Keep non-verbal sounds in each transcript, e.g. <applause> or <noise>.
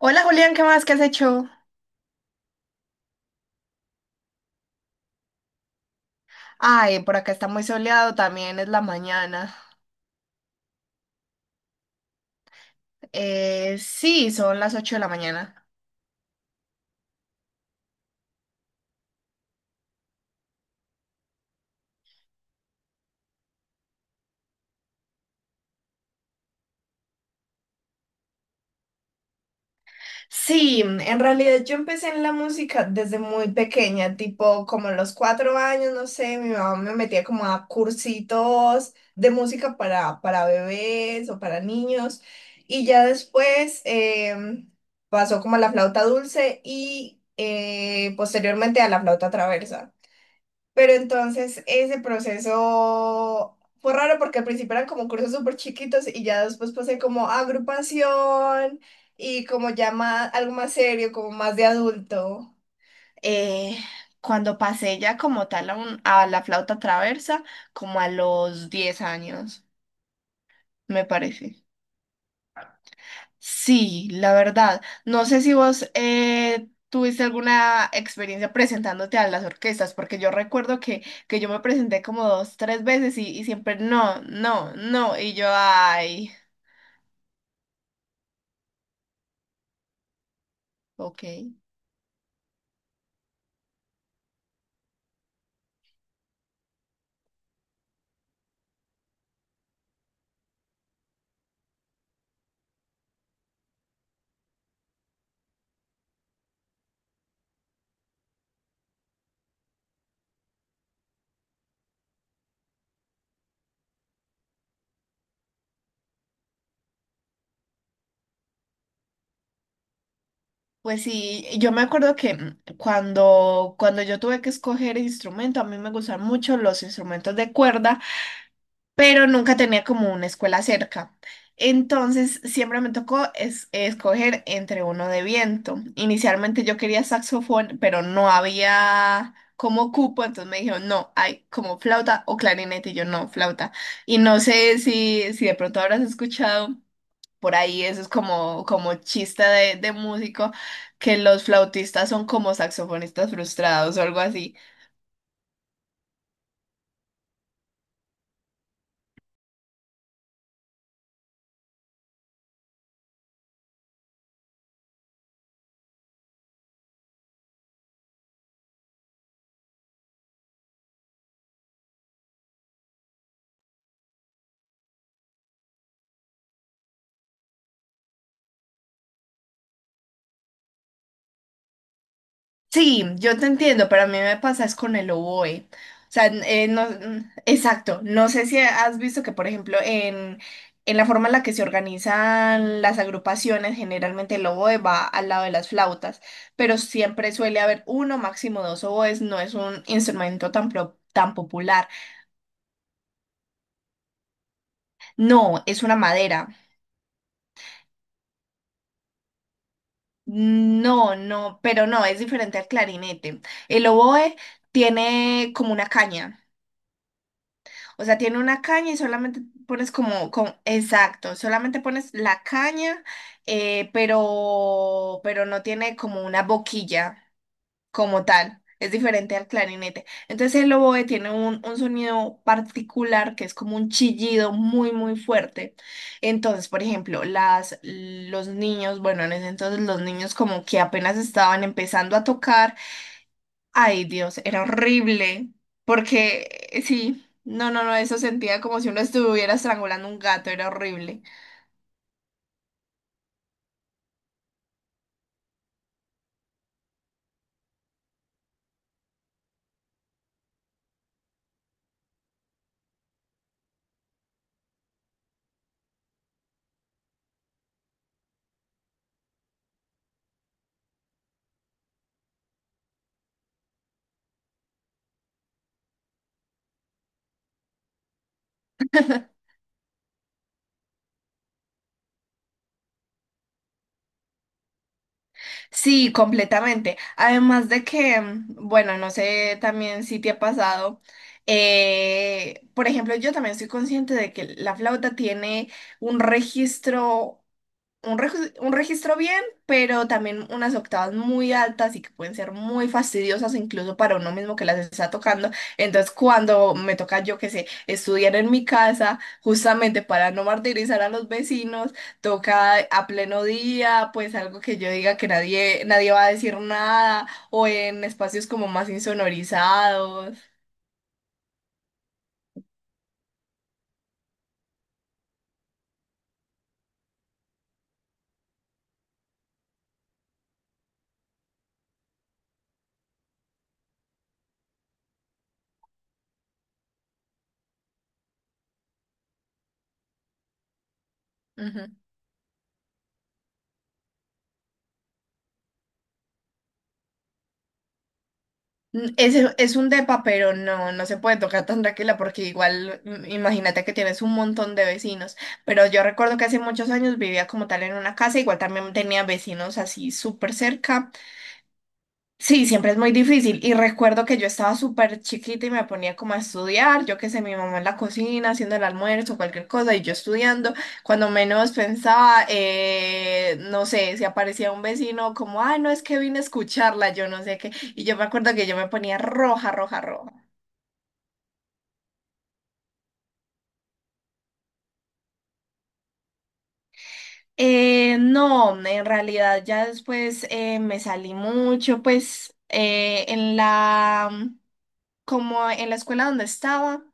Hola Julián, ¿qué más? ¿Qué has hecho? Ay, por acá está muy soleado, también es la mañana. Sí, son las 8 de la mañana. Sí, en realidad yo empecé en la música desde muy pequeña, tipo como a los 4 años, no sé, mi mamá me metía como a cursitos de música para bebés o para niños. Y ya después pasó como a la flauta dulce y posteriormente a la flauta traversa. Pero entonces ese proceso fue raro porque al principio eran como cursos súper chiquitos y ya después pasé como a agrupación y como ya más, algo más serio, como más de adulto. eh, Cuando pasé ya como tal a la flauta traversa, como a los 10 años, me parece. Sí, la verdad. No sé si vos tuviste alguna experiencia presentándote a las orquestas, porque yo recuerdo que, yo me presenté como dos, tres veces y siempre no, no, no. Y yo, ay, ok. Pues sí, yo me acuerdo que cuando yo tuve que escoger instrumento, a mí me gustan mucho los instrumentos de cuerda. Pero nunca tenía como una escuela cerca. Entonces siempre me tocó escoger entre uno de viento. Inicialmente yo quería saxofón, pero no había como cupo, entonces me dijeron, no, hay como flauta o clarinete, y yo no, flauta. Y no sé si de pronto habrás escuchado por ahí, eso es como, como chiste de músico, que los flautistas son como saxofonistas frustrados o algo así. Sí, yo te entiendo, pero a mí me pasa es con el oboe. O sea, no, exacto. No sé si has visto que, por ejemplo, en la forma en la que se organizan las agrupaciones, generalmente el oboe va al lado de las flautas, pero siempre suele haber uno, máximo dos oboes. No es un instrumento tan popular. No, es una madera. No, no, pero no, es diferente al clarinete. El oboe tiene como una caña. O sea, tiene una caña y solamente pones como, exacto, solamente pones la caña, pero no tiene como una boquilla como tal. Es diferente al clarinete. Entonces el oboe tiene un sonido particular que es como un chillido muy, muy fuerte. Entonces, por ejemplo, los niños, bueno, en ese entonces los niños como que apenas estaban empezando a tocar. Ay, Dios, era horrible. Porque sí, no, no, no, eso sentía como si uno estuviera estrangulando un gato, era horrible. Sí, completamente. Además de que, bueno, no sé también si te ha pasado. Por ejemplo, yo también soy consciente de que la flauta tiene un registro. Un registro bien, pero también unas octavas muy altas y que pueden ser muy fastidiosas incluso para uno mismo que las está tocando. Entonces, cuando me toca, yo que sé, estudiar en mi casa, justamente para no martirizar a los vecinos, toca a pleno día, pues algo que yo diga que nadie, nadie va a decir nada, o en espacios como más insonorizados. Es un depa, pero no, no se puede tocar tan tranquila porque igual imagínate que tienes un montón de vecinos. Pero yo recuerdo que hace muchos años vivía como tal en una casa, igual también tenía vecinos así súper cerca. Sí, siempre es muy difícil. Y recuerdo que yo estaba súper chiquita y me ponía como a estudiar, yo qué sé, mi mamá en la cocina haciendo el almuerzo, cualquier cosa, y yo estudiando. Cuando menos pensaba, no sé, si aparecía un vecino como, ay, no, es que vine a escucharla, yo no sé qué. Y yo me acuerdo que yo me ponía roja, roja, roja. No, en realidad ya después me salí mucho, pues en la como en la escuela donde estaba,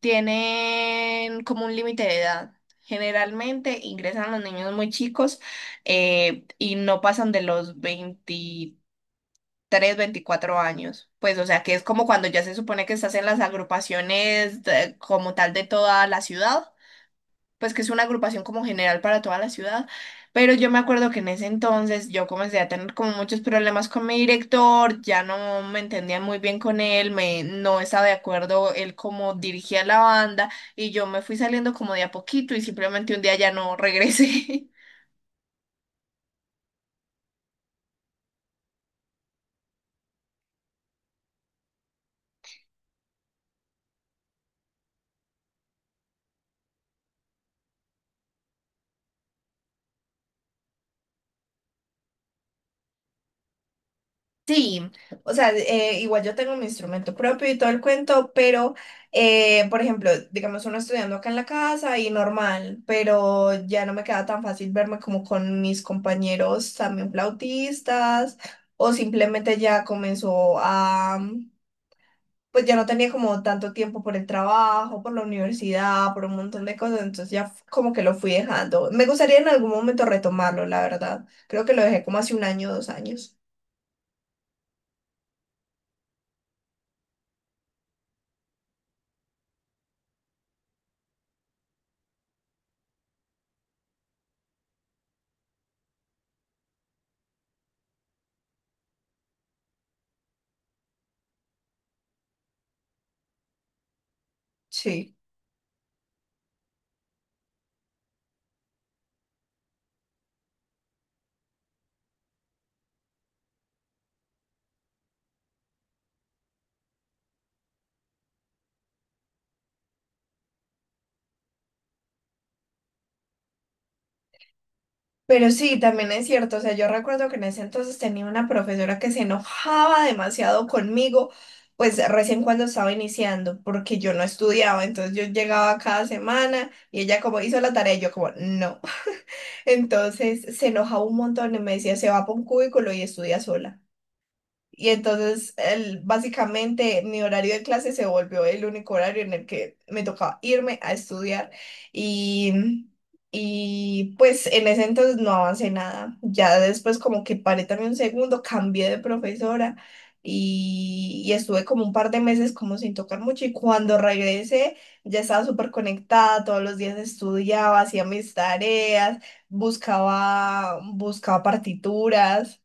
tienen como un límite de edad. Generalmente ingresan los niños muy chicos y no pasan de los 23 24 años. Pues, o sea, que es como cuando ya se supone que estás en las agrupaciones como tal de toda la ciudad, pues que es una agrupación como general para toda la ciudad, pero yo me acuerdo que en ese entonces yo comencé a tener como muchos problemas con mi director, ya no me entendía muy bien con él, me no estaba de acuerdo él cómo dirigía la banda y yo me fui saliendo como de a poquito y simplemente un día ya no regresé. <laughs> Sí, o sea, igual yo tengo mi instrumento propio y todo el cuento, pero, por ejemplo, digamos uno estudiando acá en la casa y normal, pero ya no me queda tan fácil verme como con mis compañeros también flautistas o simplemente ya comenzó a, pues ya no tenía como tanto tiempo por el trabajo, por la universidad, por un montón de cosas, entonces ya como que lo fui dejando. Me gustaría en algún momento retomarlo, la verdad. Creo que lo dejé como hace un año, dos años. Sí. Pero sí, también es cierto, o sea, yo recuerdo que en ese entonces tenía una profesora que se enojaba demasiado conmigo, pues recién cuando estaba iniciando, porque yo no estudiaba, entonces yo llegaba cada semana y ella como hizo la tarea y yo como no. <laughs> Entonces se enojaba un montón y me decía, se va para un cubículo y estudia sola. Y entonces, básicamente, mi horario de clase se volvió el único horario en el que me tocaba irme a estudiar. Y, y pues en ese entonces no avancé nada. Ya después como que paré también un segundo, cambié de profesora y estuve como un par de meses como sin tocar mucho. Y cuando regresé, ya estaba súper conectada, todos los días estudiaba, hacía mis tareas, buscaba, buscaba partituras.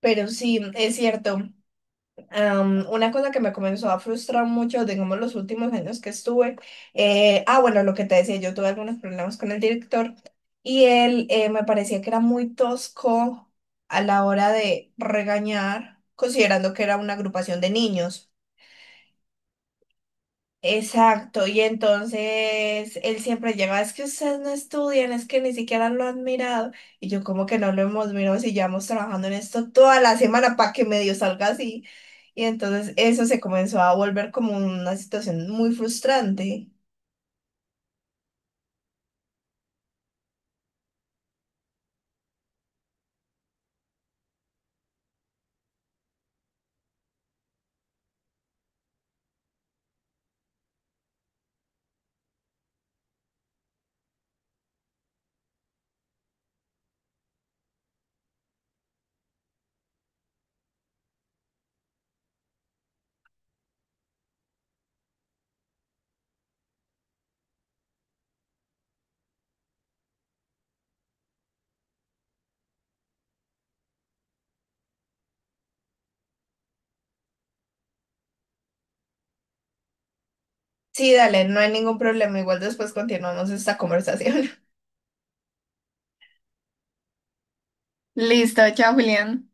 Pero sí, es cierto. Una cosa que me comenzó a frustrar mucho, digamos, los últimos años que estuve, bueno, lo que te decía, yo tuve algunos problemas con el director y él me parecía que era muy tosco a la hora de regañar, considerando que era una agrupación de niños. Exacto, y entonces él siempre lleva, es que ustedes no estudian, es que ni siquiera lo han mirado. Y yo como que no lo hemos mirado si llevamos trabajando en esto toda la semana para que medio salga así. Y entonces eso se comenzó a volver como una situación muy frustrante. Sí, dale, no hay ningún problema, igual después continuamos esta conversación. <laughs> Listo, chao, Julián.